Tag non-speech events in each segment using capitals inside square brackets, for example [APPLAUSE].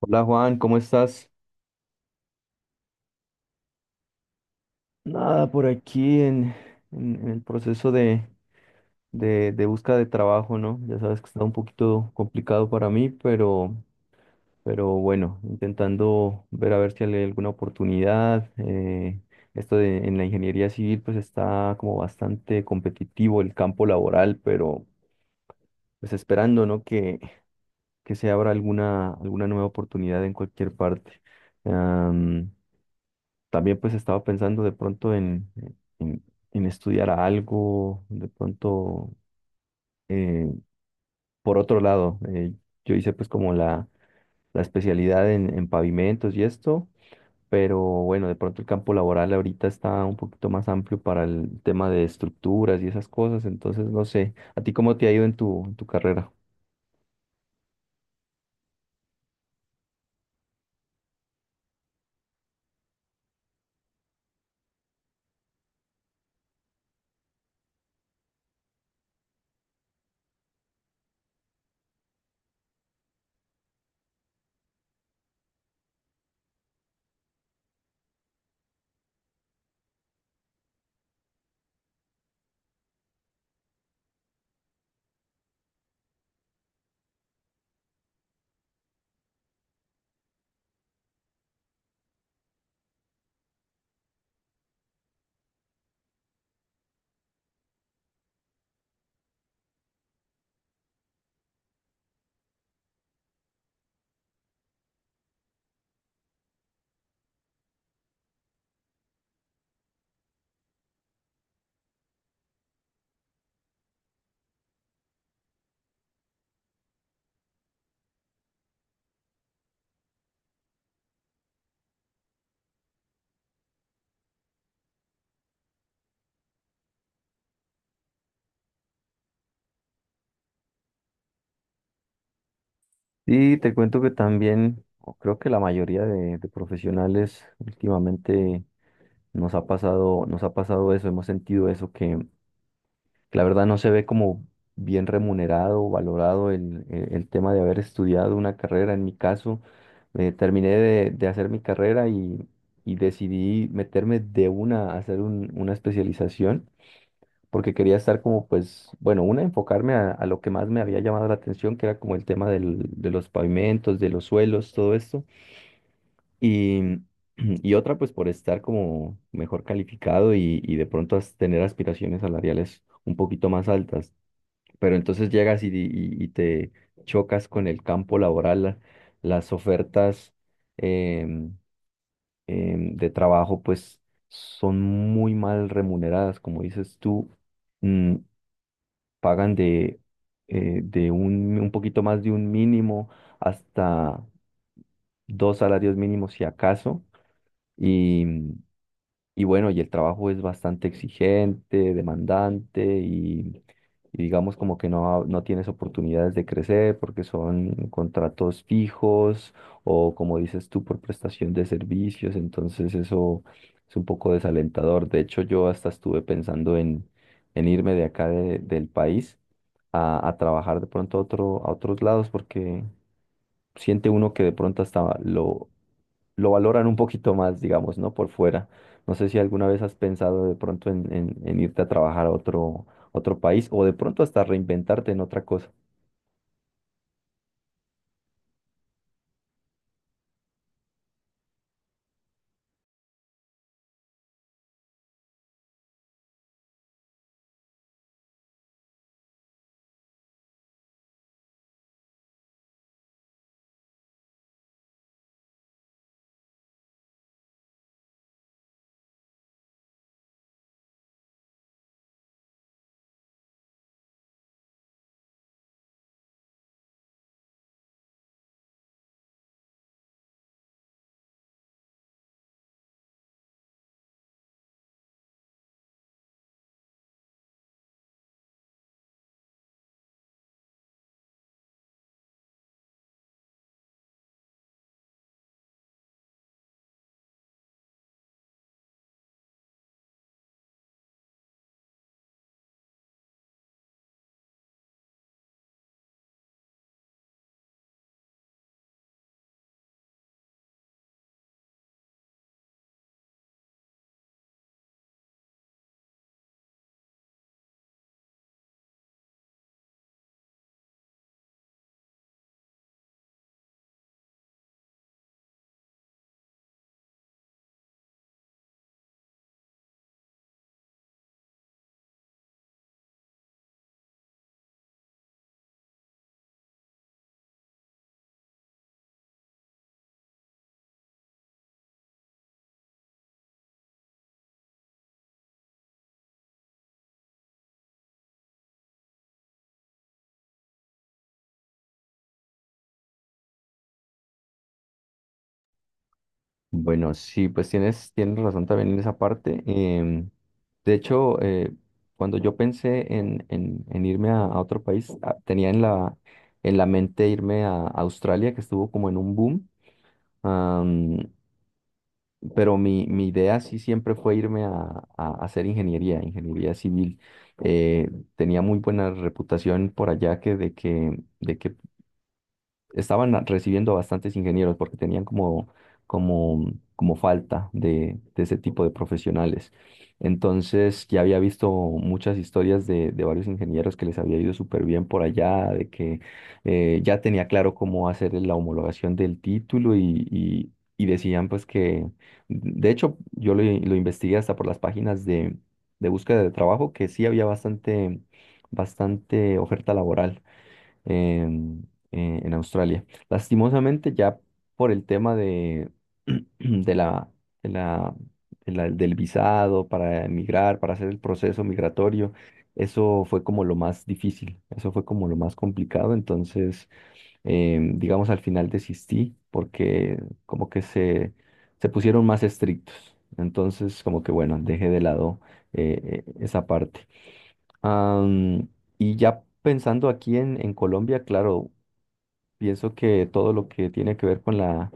Hola Juan, ¿cómo estás? Nada, por aquí en el proceso de búsqueda de trabajo, ¿no? Ya sabes que está un poquito complicado para mí, pero bueno, intentando ver a ver si hay alguna oportunidad. En la ingeniería civil pues está como bastante competitivo el campo laboral, pero pues esperando, ¿no? Que se abra alguna nueva oportunidad en cualquier parte. También pues estaba pensando de pronto en, en estudiar algo, de pronto, eh, por otro lado, yo hice pues como la especialidad en pavimentos y esto, pero bueno, de pronto el campo laboral ahorita está un poquito más amplio para el tema de estructuras y esas cosas, entonces no sé, ¿a ti cómo te ha ido en tu carrera? Sí te cuento que también, o creo que la mayoría de profesionales últimamente nos ha pasado eso, hemos sentido eso, que la verdad no se ve como bien remunerado o valorado el tema de haber estudiado una carrera. En mi caso, terminé de hacer mi carrera y decidí meterme de una a hacer una especialización porque quería estar como, pues, bueno, enfocarme a lo que más me había llamado la atención, que era como el tema de los pavimentos, de los suelos, todo esto. Y, [CLEARS THROAT] otra, pues, por estar como mejor calificado y de pronto tener aspiraciones salariales un poquito más altas, pero entonces llegas y te chocas con el campo laboral, las ofertas em, de trabajo pues son muy mal remuneradas, como dices tú. mm, Pagan de un poquito más de un mínimo hasta dos salarios mínimos si acaso. Y bueno, y el trabajo es bastante exigente, demandante, y digamos como que no tienes oportunidades de crecer porque son contratos fijos o como dices tú, por prestación de servicios. Entonces eso es un poco desalentador. De hecho, yo hasta estuve pensando en irme de acá del país a trabajar de pronto a otros lados porque siente uno que de pronto hasta lo valoran un poquito más, digamos, ¿no? Por fuera. No sé si alguna vez has pensado de pronto en irte a trabajar a otro, otro país o de pronto hasta reinventarte en otra cosa. Bueno, sí, pues tienes razón también en esa parte. De hecho, cuando yo pensé en irme a otro país, ah, tenía en la mente irme a Australia, que estuvo como en un boom. Pero mi idea sí siempre fue irme a hacer ingeniería civil. Eh, Tenía muy buena reputación por allá, de que estaban recibiendo bastantes ingenieros porque tenían como falta de ese tipo de profesionales. Entonces ya había visto muchas historias de varios ingenieros que les había ido súper bien por allá, de que ya tenía claro cómo hacer la homologación del título, y decían pues de hecho yo lo investigué hasta por las páginas de búsqueda de trabajo, que sí había bastante oferta laboral en, en Australia. Lastimosamente, ya por el tema de, [CLEARS THROAT] de la, de la, del visado para emigrar, para hacer el proceso migratorio, eso fue como lo más difícil, eso fue como lo más complicado. Entonces, digamos, al final desistí porque como que se pusieron más estrictos. Entonces, como que bueno, dejé de lado esa parte. Am, y ya pensando aquí en Colombia, claro, pienso que todo lo que tiene que ver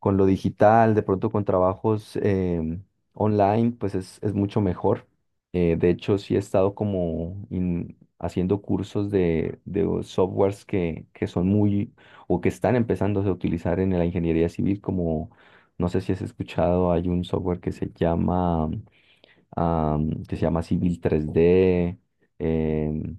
con lo digital, de pronto con trabajos online, pues es mucho mejor. De hecho, sí he estado como haciendo cursos de softwares que son muy o que están empezando a utilizar en la ingeniería civil, como no sé si has escuchado, hay un software que que se llama Civil 3D, em,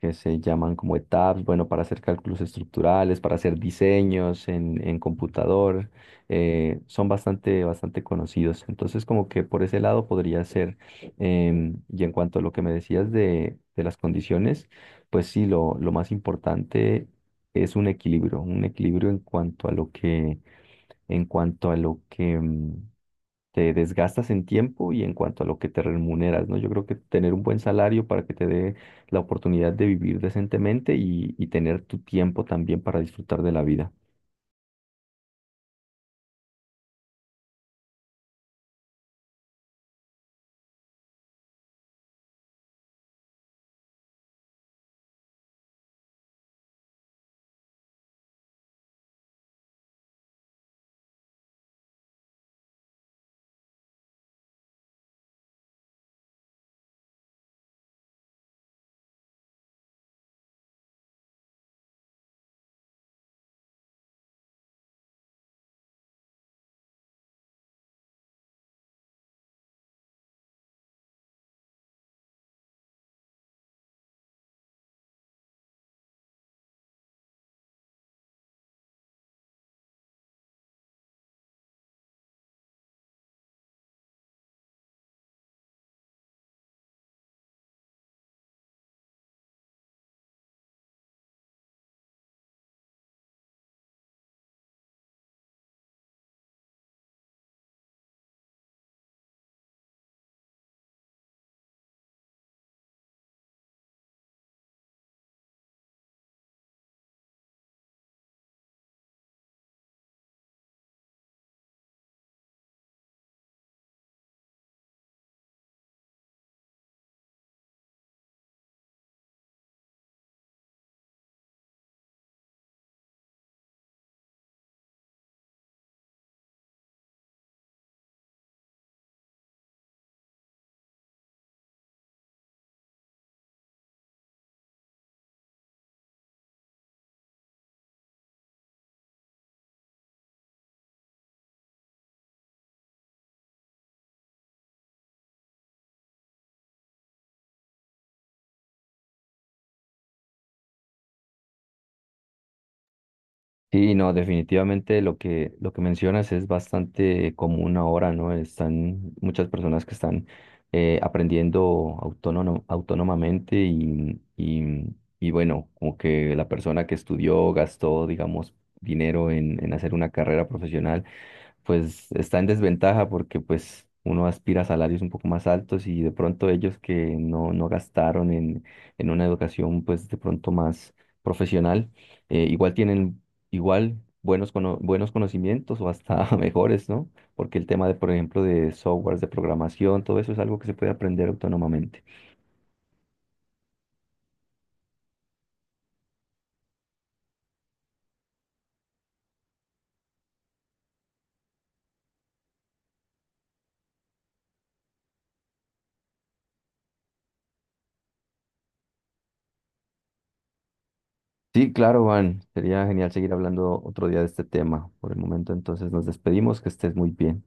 que se llaman como ETABS, bueno, para hacer cálculos estructurales, para hacer diseños en computador. Son bastante, bastante conocidos. Entonces, como que por ese lado podría ser. Y en cuanto a lo que me decías de las condiciones, pues sí, lo más importante es un equilibrio, en cuanto a lo que te desgastas en tiempo y en cuanto a lo que te remuneras, ¿no? Yo creo que tener un buen salario para que te dé la oportunidad de vivir decentemente, y tener tu tiempo también para disfrutar de la vida. Sí, no, definitivamente lo que mencionas es bastante común ahora, ¿no? Están muchas personas que están aprendiendo autónomamente, y bueno, como que la persona que estudió gastó, digamos, dinero en hacer una carrera profesional pues está en desventaja porque pues uno aspira a salarios un poco más altos, y de pronto ellos que no gastaron en una educación pues de pronto más profesional, igual tienen igual buenos conocimientos o hasta [LAUGHS] mejores, ¿no? Porque el tema de, por ejemplo, de softwares, de programación, todo eso es algo que se puede aprender autónomamente. Sí, claro, Juan, sería genial seguir hablando otro día de este tema. Por el momento entonces nos despedimos, que estés muy bien.